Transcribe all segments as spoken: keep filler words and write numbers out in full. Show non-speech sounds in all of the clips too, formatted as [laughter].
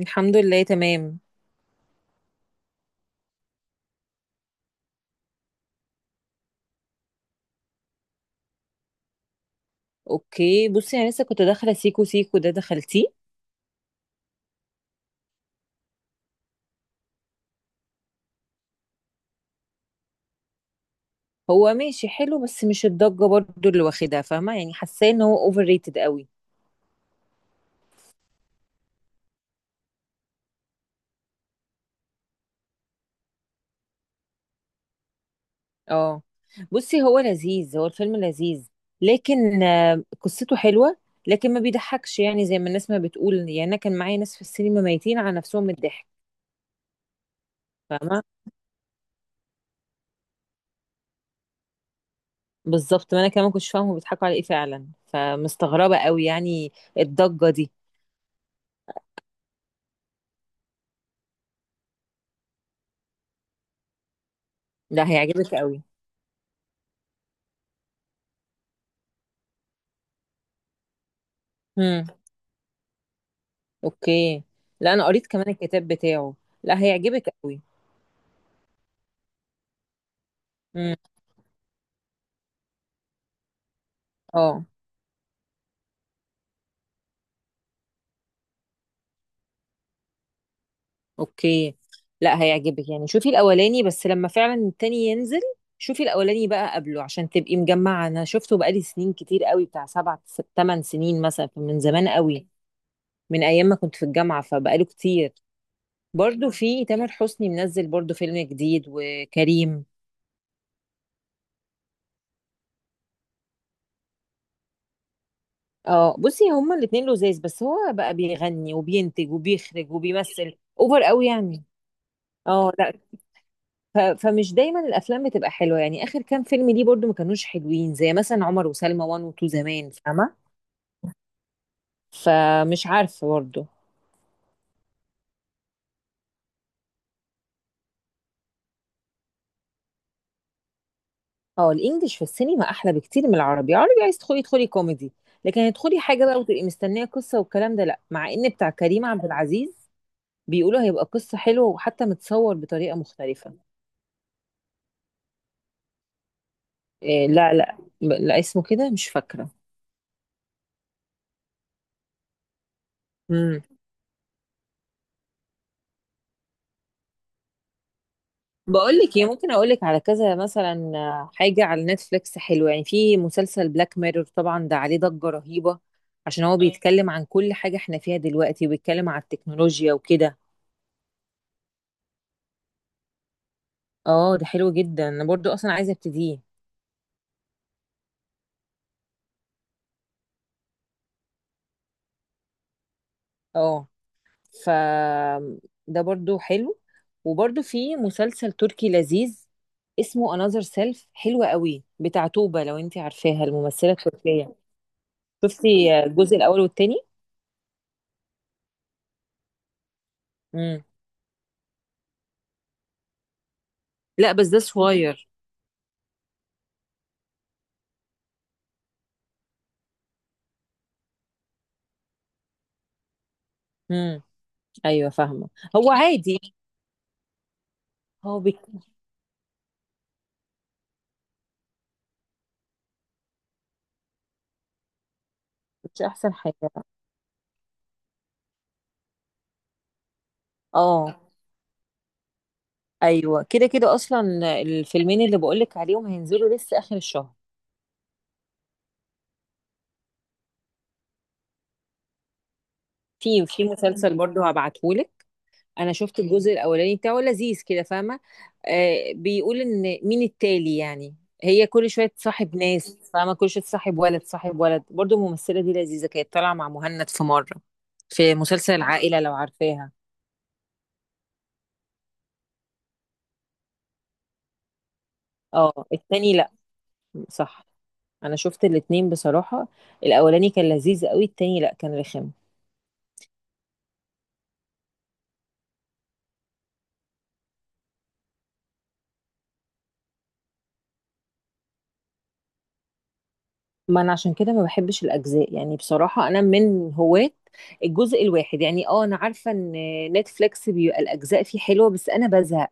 الحمد لله تمام. اوكي بصي انا لسه كنت داخله سيكو سيكو ده دخلتيه؟ هو ماشي حلو بس مش الضجه برضو اللي واخدها فاهمه، يعني حاساه ان هو اوفر ريتد قوي. اه بصي هو لذيذ، هو الفيلم لذيذ، لكن آه، قصته حلوه، لكن ما بيضحكش، يعني زي ما الناس ما بتقول، يعني انا كان معايا ناس في السينما ميتين على نفسهم من الضحك. فاهمه. بالظبط، ما انا كمان كنتش فاهمه بيضحكوا على ايه فعلا، فمستغربه قوي يعني الضجه دي. لا هيعجبك قوي. اوكي. لا انا قريت كمان الكتاب بتاعه. لا هيعجبك قوي. امم. اه. اوكي. لا هيعجبك، يعني شوفي الاولاني بس لما فعلا التاني ينزل. شوفي الاولاني بقى قبله عشان تبقي مجمعه، انا شفته بقالي سنين كتير قوي، بتاع سبع ست- تمن سنين مثلا من زمان قوي. من ايام ما كنت في الجامعه، فبقاله كتير. برضو في تامر حسني منزل برضو فيلم جديد، وكريم. اه بصي هما الاتنين لذاذ، بس هو بقى بيغني وبينتج وبيخرج وبيمثل اوفر قوي يعني. اه لا. ف فمش دايمًا الأفلام بتبقى حلوة، يعني آخر كام فيلم ليه برضه ما كانوش حلوين، زي مثلًا عُمر وسلمى واحد و2 زمان، فاهمة؟ فمش عارفة برضه. آه، الإنجليش في السينما أحلى بكتير من العربي، العربي عايزة تدخلي ادخلي كوميدي، لكن هتدخلي حاجة بقى وتبقي مستنية قصة والكلام ده لأ، مع إن بتاع كريم عبد العزيز بيقولوا هيبقى قصة حلوة وحتى متصور بطريقة مختلفة. آآ، لأ، لأ، ب لأ اسمه كده مش فاكرة. إمم. بقول لك ايه، ممكن اقول لك على كذا مثلا آه، حاجه على نتفليكس حلوه، يعني في مسلسل بلاك ميرور، طبعا ده عليه ضجه رهيبه عشان هو اه بيتكلم عن كل حاجه احنا فيها دلوقتي، وبيتكلم عن التكنولوجيا وكده. اه ده حلو جدا، انا برضو اصلا عايزه ابتديه. اه. ف ده برضو حلو. وبرضو في مسلسل تركي لذيذ اسمه انذر سيلف، حلو قوي، بتاع توبة لو انت عارفاها الممثله التركيه. شفتي الجزء الاول والتاني؟ امم. لا بس ده صغير. ايوه فاهمه. هو عادي يعني. هو بيك- مش احسن حاجه. اه. ايوه كده كده اصلا. الفيلمين اللي بقولك عليهم هينزلوا لسه اخر الشهر. في في مسلسل برضه هبعتهولك. انا شفت الجزء الاولاني بتاعه لذيذ كده، فاهمه. آه بيقول ان مين التالي يعني، هي كل شويه تصاحب ناس، فاهمه كل شويه تصاحب ولد تصاحب ولد، برضه الممثله دي لذيذه، كانت طالعه مع مهند في مره في مسلسل العائله لو عارفاها. اه التاني لا. صح. انا شفت الاتنين بصراحة، الاولاني كان لذيذ قوي، التاني لا كان رخم. ما انا عشان كده ما بحبش الاجزاء، يعني بصراحة انا من هواة الجزء الواحد يعني. اه انا عارفة ان نتفليكس بيبقى الاجزاء فيه حلوة بس انا بزهق.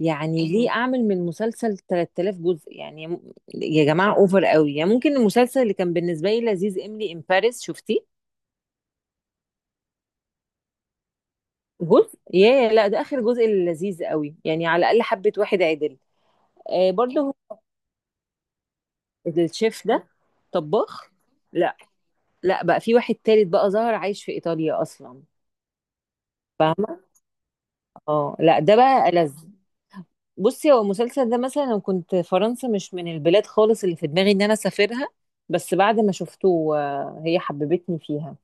يعني ليه، ايوه ليه اعمل من مسلسل تلاتة آلاف جزء يعني، م- يا جماعة اوفر قوي يعني. ممكن المسلسل اللي كان بالنسبة لي لذيذ املي ان باريس، شفتيه؟ جزء ياه. لا ده اخر جزء اللي لذيذ قوي، يعني على الاقل حبة واحد عدل. آه برضه الشيف ده، طباخ. لا لا بقى في واحد تالت بقى، ظهر عايش في ايطاليا اصلا. فاهمه. اه لا ده بقى ألذ. بصي هو المسلسل ده مثلا، انا كنت فرنسا مش من البلاد خالص اللي في دماغي ان انا اسافرها، بس بعد ما شفته آه، هي حببتني فيها.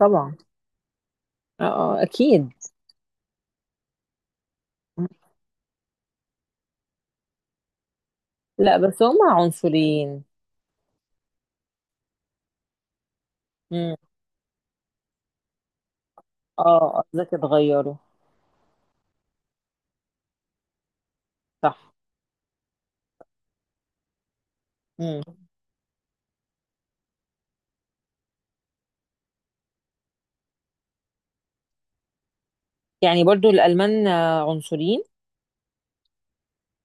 طبعا. اه آه، اكيد. لا بس هما عنصريين. امم. اه قصدك اتغيروا. صح. امم. يعني برضو الالمان آه، عنصريين.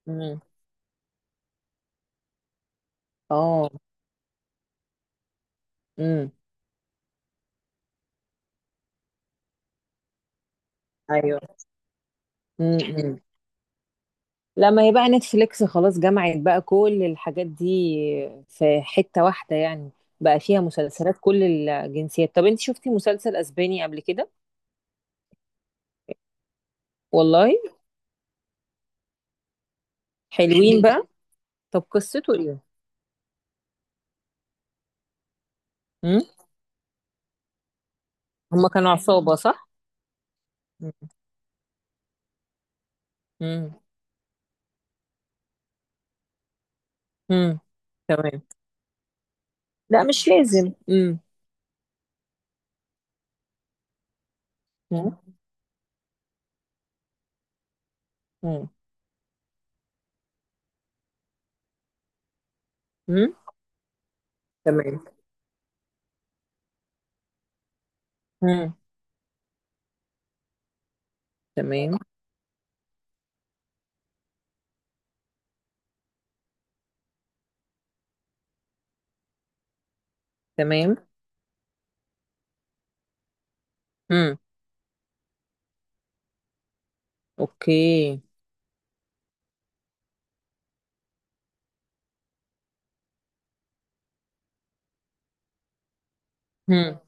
امم. اه. امم. ايوه. امم. لما هي بقى نتفليكس خلاص جمعت بقى كل الحاجات دي في حتة واحدة يعني، بقى فيها مسلسلات كل الجنسيات. طب انت شفتي مسلسل اسباني قبل كده؟ والله حلوين [laughs] بقى. طب قصته ايه؟ هم هما كانوا عصابة صح؟ امم. امم. تمام. لا مش لازم. امم. امم. امم. تمام. امم. تمام. تمام. امم. اوكي. امم.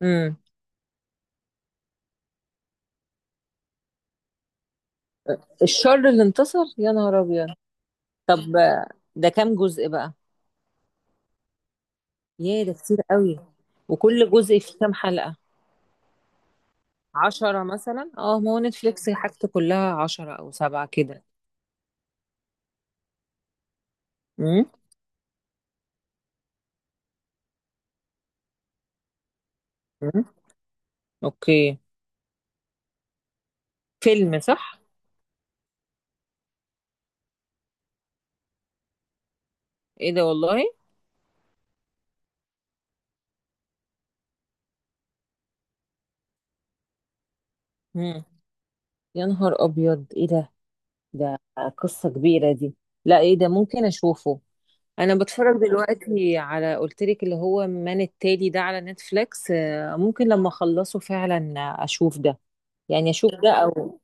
امم. الشر اللي انتصر، يا نهار ابيض! طب ده كام جزء بقى؟ ياه ده كتير قوي. وكل جزء فيه كام حلقة؟ عشرة مثلا، اه ما هو نتفليكس حاجته كلها عشرة او سبعة كده. امم. امم. اوكي. فيلم صح؟ ايه ده والله. امم. يا نهار ابيض ايه ده! ده قصة كبيرة دي. لا ايه ده، ممكن اشوفه. انا بتفرج دلوقتي على قلتلك اللي هو من التالي ده على نتفليكس، آه، ممكن لما اخلصه فعلا اشوف ده. يعني اشوف ده، او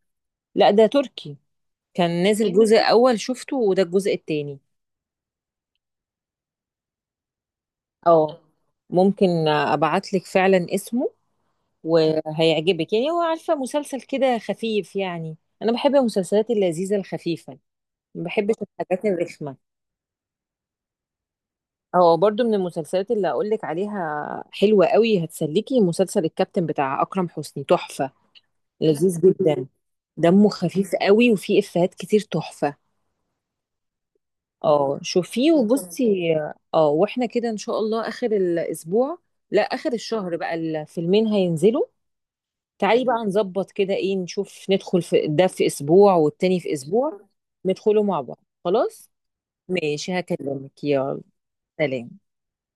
لا ده تركي كان نازل جزء اول شفته، وده الجزء التاني. اه ممكن ابعتلك فعلا اسمه، وهيعجبك يعني، هو عارفه مسلسل كده خفيف يعني. انا بحب المسلسلات اللذيذه الخفيفه، ما بحبش الحاجات الرخمه. اه برضو من المسلسلات اللي اقولك عليها حلوه قوي هتسليكي مسلسل الكابتن بتاع اكرم حسني، تحفه. لذيذ جدا، دمه خفيف قوي وفيه افيهات كتير تحفه. اه شوفيه. مم. وبصي، اه واحنا كده ان شاء الله اخر الاسبوع، لا اخر الشهر بقى الفيلمين هينزلوا. تعالي بقى نظبط كده، ايه نشوف، ندخل في ده في اسبوع والتاني في اسبوع. ندخله مع بعض خلاص. ماشي هكلمك، يلا سلام.